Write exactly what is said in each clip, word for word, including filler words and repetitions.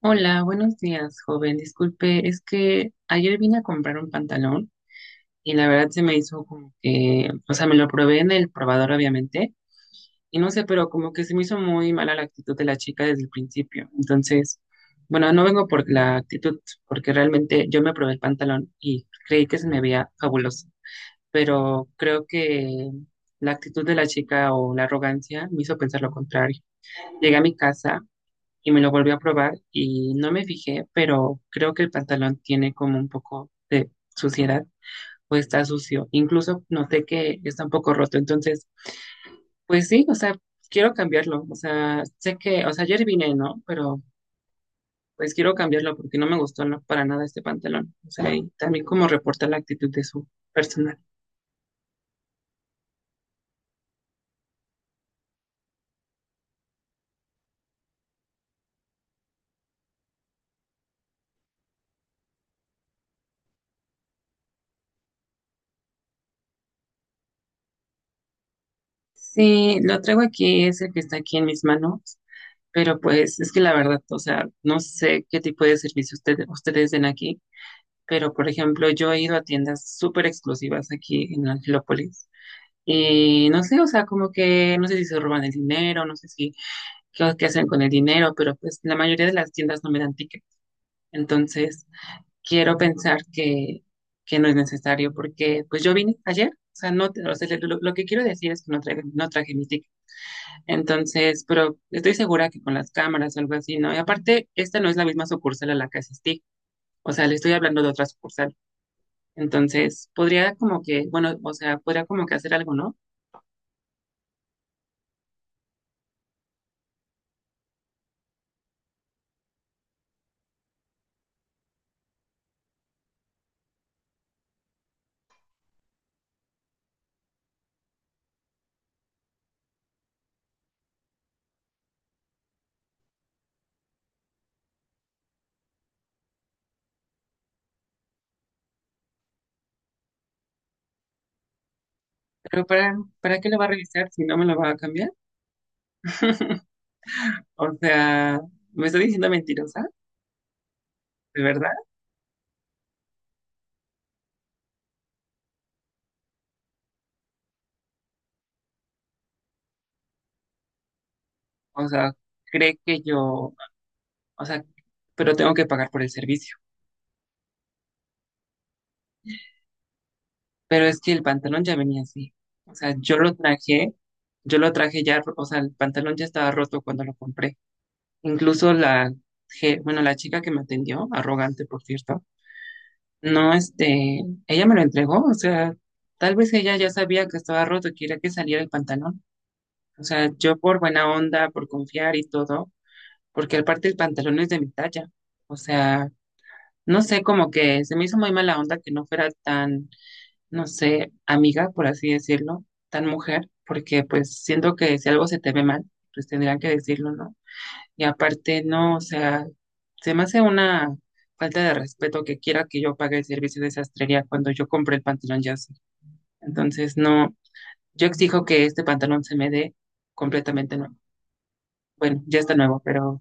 Hola, buenos días, joven. Disculpe, es que ayer vine a comprar un pantalón y la verdad se me hizo como que, o sea, me lo probé en el probador, obviamente, y no sé, pero como que se me hizo muy mala la actitud de la chica desde el principio. Entonces, bueno, no vengo por la actitud, porque realmente yo me probé el pantalón y creí que se me veía fabuloso, pero creo que la actitud de la chica o la arrogancia me hizo pensar lo contrario. Llegué a mi casa y me lo volví a probar y no me fijé, pero creo que el pantalón tiene como un poco de suciedad o está sucio. Incluso noté que está un poco roto. Entonces, pues sí, o sea, quiero cambiarlo. O sea, sé que, o sea, ayer vine, ¿no? Pero pues quiero cambiarlo porque no me gustó no, para nada este pantalón. O sea, y también como reporta la actitud de su personal. Sí, lo traigo aquí, es el que está aquí en mis manos. Pero pues es que la verdad, o sea, no sé qué tipo de servicio usted- ustedes den aquí, pero por ejemplo, yo he ido a tiendas súper exclusivas aquí en Angelópolis. Y no sé, o sea, como que no sé si se roban el dinero, no sé si qué, qué hacen con el dinero, pero pues la mayoría de las tiendas no me dan ticket. Entonces, quiero pensar que, que no es necesario porque pues yo vine ayer, o sea, no, te- o sea, lo, lo que quiero decir es que no traje, no traje mi ticket. Entonces, pero estoy segura que con las cámaras o algo así, ¿no? Y aparte, esta no es la misma sucursal a la que asistí, o sea, le estoy hablando de otras sucursales. Entonces, podría como que, bueno, o sea, podría como que hacer algo, ¿no? Pero ¿para, ¿para qué lo va a revisar si no me lo va a cambiar? O sea, ¿me está diciendo mentirosa? ¿De verdad? O sea, cree que yo, o sea, pero tengo que pagar por el servicio. Pero es que el pantalón ya venía así. O sea, yo lo traje, yo lo traje ya, ro- o sea, el pantalón ya estaba roto cuando lo compré. Incluso la, je- bueno, la chica que me atendió, arrogante, por cierto. No, este, ella me lo entregó, o sea, tal vez ella ya sabía que estaba roto, quería que saliera el pantalón. O sea, yo por buena onda, por confiar y todo, porque aparte el pantalón es de mi talla. O sea, no sé, como que se me hizo muy mala onda que no fuera tan, no sé, amiga, por así decirlo, tan mujer, porque pues siento que si algo se te ve mal, pues tendrían que decirlo, ¿no? Y aparte, no, o sea, se me hace una falta de respeto que quiera que yo pague el servicio de sastrería cuando yo compré el pantalón ya así. Entonces, no, yo exijo que este pantalón se me dé completamente nuevo. Bueno, ya está nuevo, pero,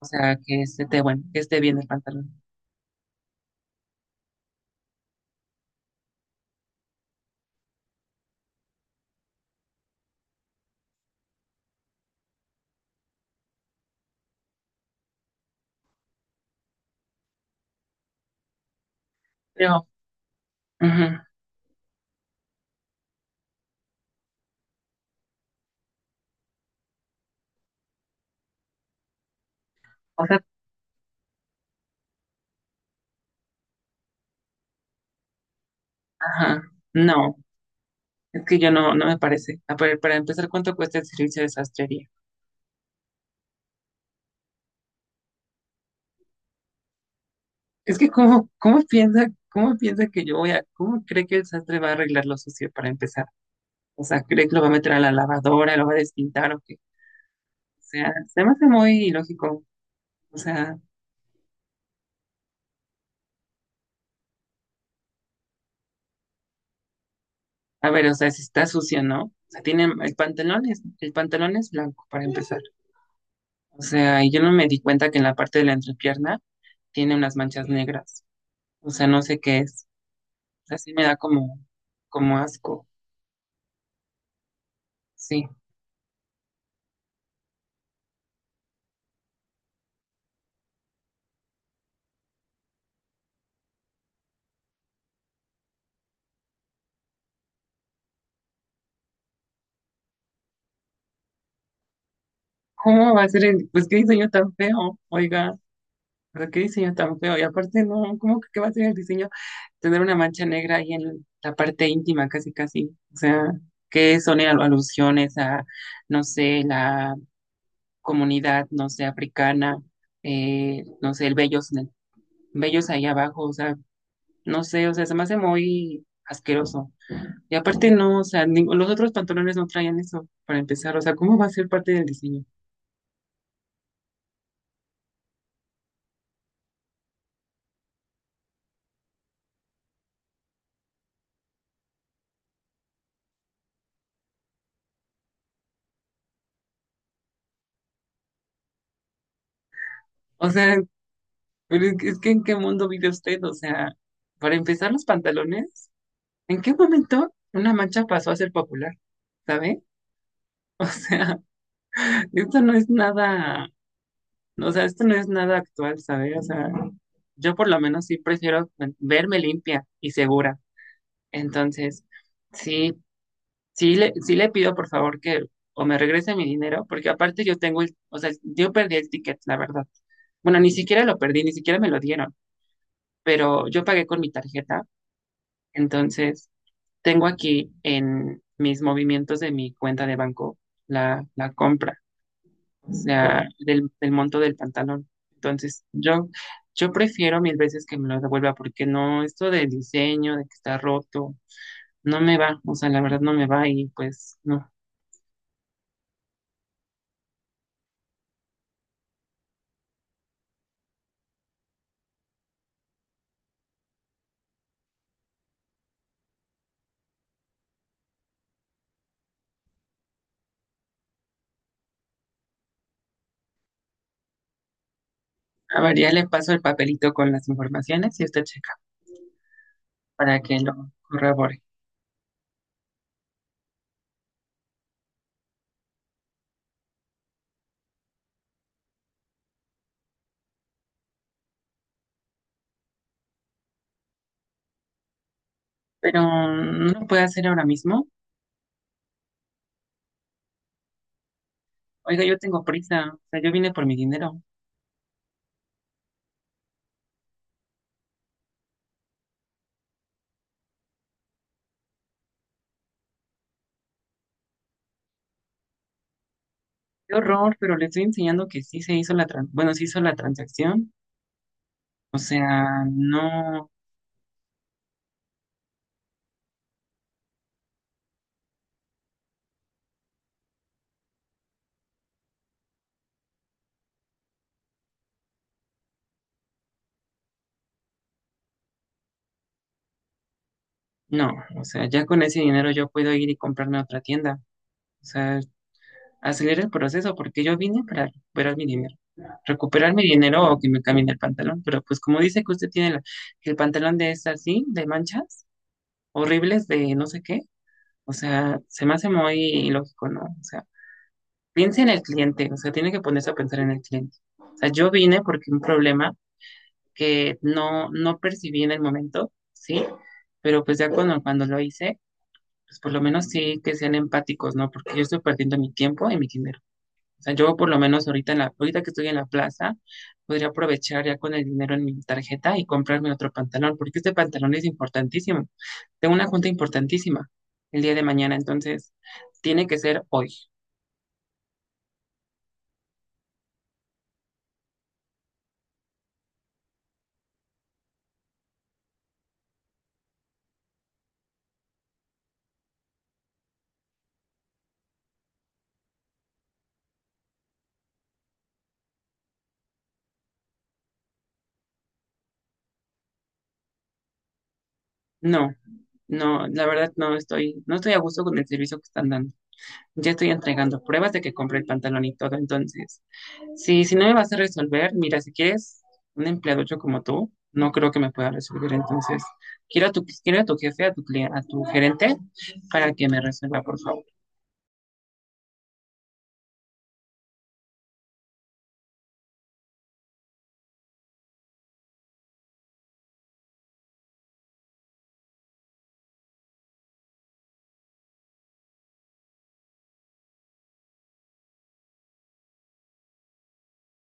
o sea, que esté bueno, que esté bien el pantalón. Pero, ujú, o sea, ajá, no, es que yo no, no me parece. A ver, para empezar, ¿cuánto cuesta el servicio de sastrería? Es que, ¿cómo, ¿cómo piensa, cómo piensa que yo voy a, cómo cree que el sastre va a arreglar lo sucio para empezar? O sea, cree que lo va a meter a la lavadora, lo va a despintar o qué. O sea, se me hace muy ilógico. O sea, a ver, o sea, si está sucio, ¿no? O sea, tiene el pantalón es, el pantalón es blanco para empezar. O sea, y yo no me di cuenta que en la parte de la entrepierna tiene unas manchas negras. O sea, no sé qué es. O sea, sí me da como, como asco. Sí. ¿Cómo va a ser el, pues qué diseño tan feo? Oiga, o sea, qué diseño tan feo. Y aparte, no, ¿cómo que qué va a ser el diseño tener una mancha negra ahí en la parte íntima, casi, casi. O sea, que son al- alusiones a, no sé, la comunidad, no sé, africana, eh, no sé, el vellos, el vellos ahí abajo, o sea, no sé, o sea, se me hace muy asqueroso. Y aparte no, o sea, ning- los otros pantalones no traían eso, para empezar, o sea, ¿cómo va a ser parte del diseño? O sea, pero es que, es que ¿en qué mundo vive usted? O sea, para empezar los pantalones, ¿en qué momento una mancha pasó a ser popular? ¿Sabe? Esto no es nada, o sea, esto no es nada actual, ¿sabes? O sea, yo por lo menos sí prefiero verme limpia y segura. Entonces, sí, sí le, sí le pido por favor que o me regrese mi dinero, porque aparte yo tengo el, o sea, yo perdí el ticket, la verdad. Bueno, ni siquiera lo perdí, ni siquiera me lo dieron, pero yo pagué con mi tarjeta. Entonces, tengo aquí en mis movimientos de mi cuenta de banco la, la compra. O sea, del, del monto del pantalón. Entonces, yo, yo prefiero mil veces que me lo devuelva porque no, esto del diseño, de que está roto, no me va, o sea, la verdad no me va y pues no. A ver, ya le paso el papelito con las informaciones y usted checa para que lo corrobore. Pero mm, no lo puede hacer ahora mismo. Oiga, yo tengo prisa, o sea, yo vine por mi dinero. Qué horror, pero le estoy enseñando que sí se hizo la, tran- bueno, se hizo la transacción. O sea, no, no, o sea, ya con ese dinero yo puedo ir y comprarme otra tienda. O sea, acelera el proceso porque yo vine para recuperar mi dinero. Recuperar mi dinero o que me cambien el pantalón. Pero pues como dice que usted tiene la- que el pantalón de es así, de manchas horribles, de no sé qué. O sea, se me hace muy ilógico, ¿no? O sea, piense en el cliente. O sea, tiene que ponerse a pensar en el cliente. O sea, yo vine porque un problema que no, no percibí en el momento, ¿sí? Pero pues ya cuando, cuando lo hice pues por lo menos sí que sean empáticos, ¿no? Porque yo estoy perdiendo mi tiempo y mi dinero. O sea, yo por lo menos ahorita, en la, ahorita que estoy en la plaza, podría aprovechar ya con el dinero en mi tarjeta y comprarme otro pantalón, porque este pantalón es importantísimo. Tengo una junta importantísima el día de mañana, entonces tiene que ser hoy. No, no, la verdad no estoy, no estoy a gusto con el servicio que están dando. Ya estoy entregando pruebas de que compré el pantalón y todo, entonces sí, si no me vas a resolver, mira, si quieres un empleado hecho como tú, no creo que me pueda resolver. Entonces, quiero a tu, quiero a tu jefe, a tu, cli- a tu gerente, para que me resuelva, por favor.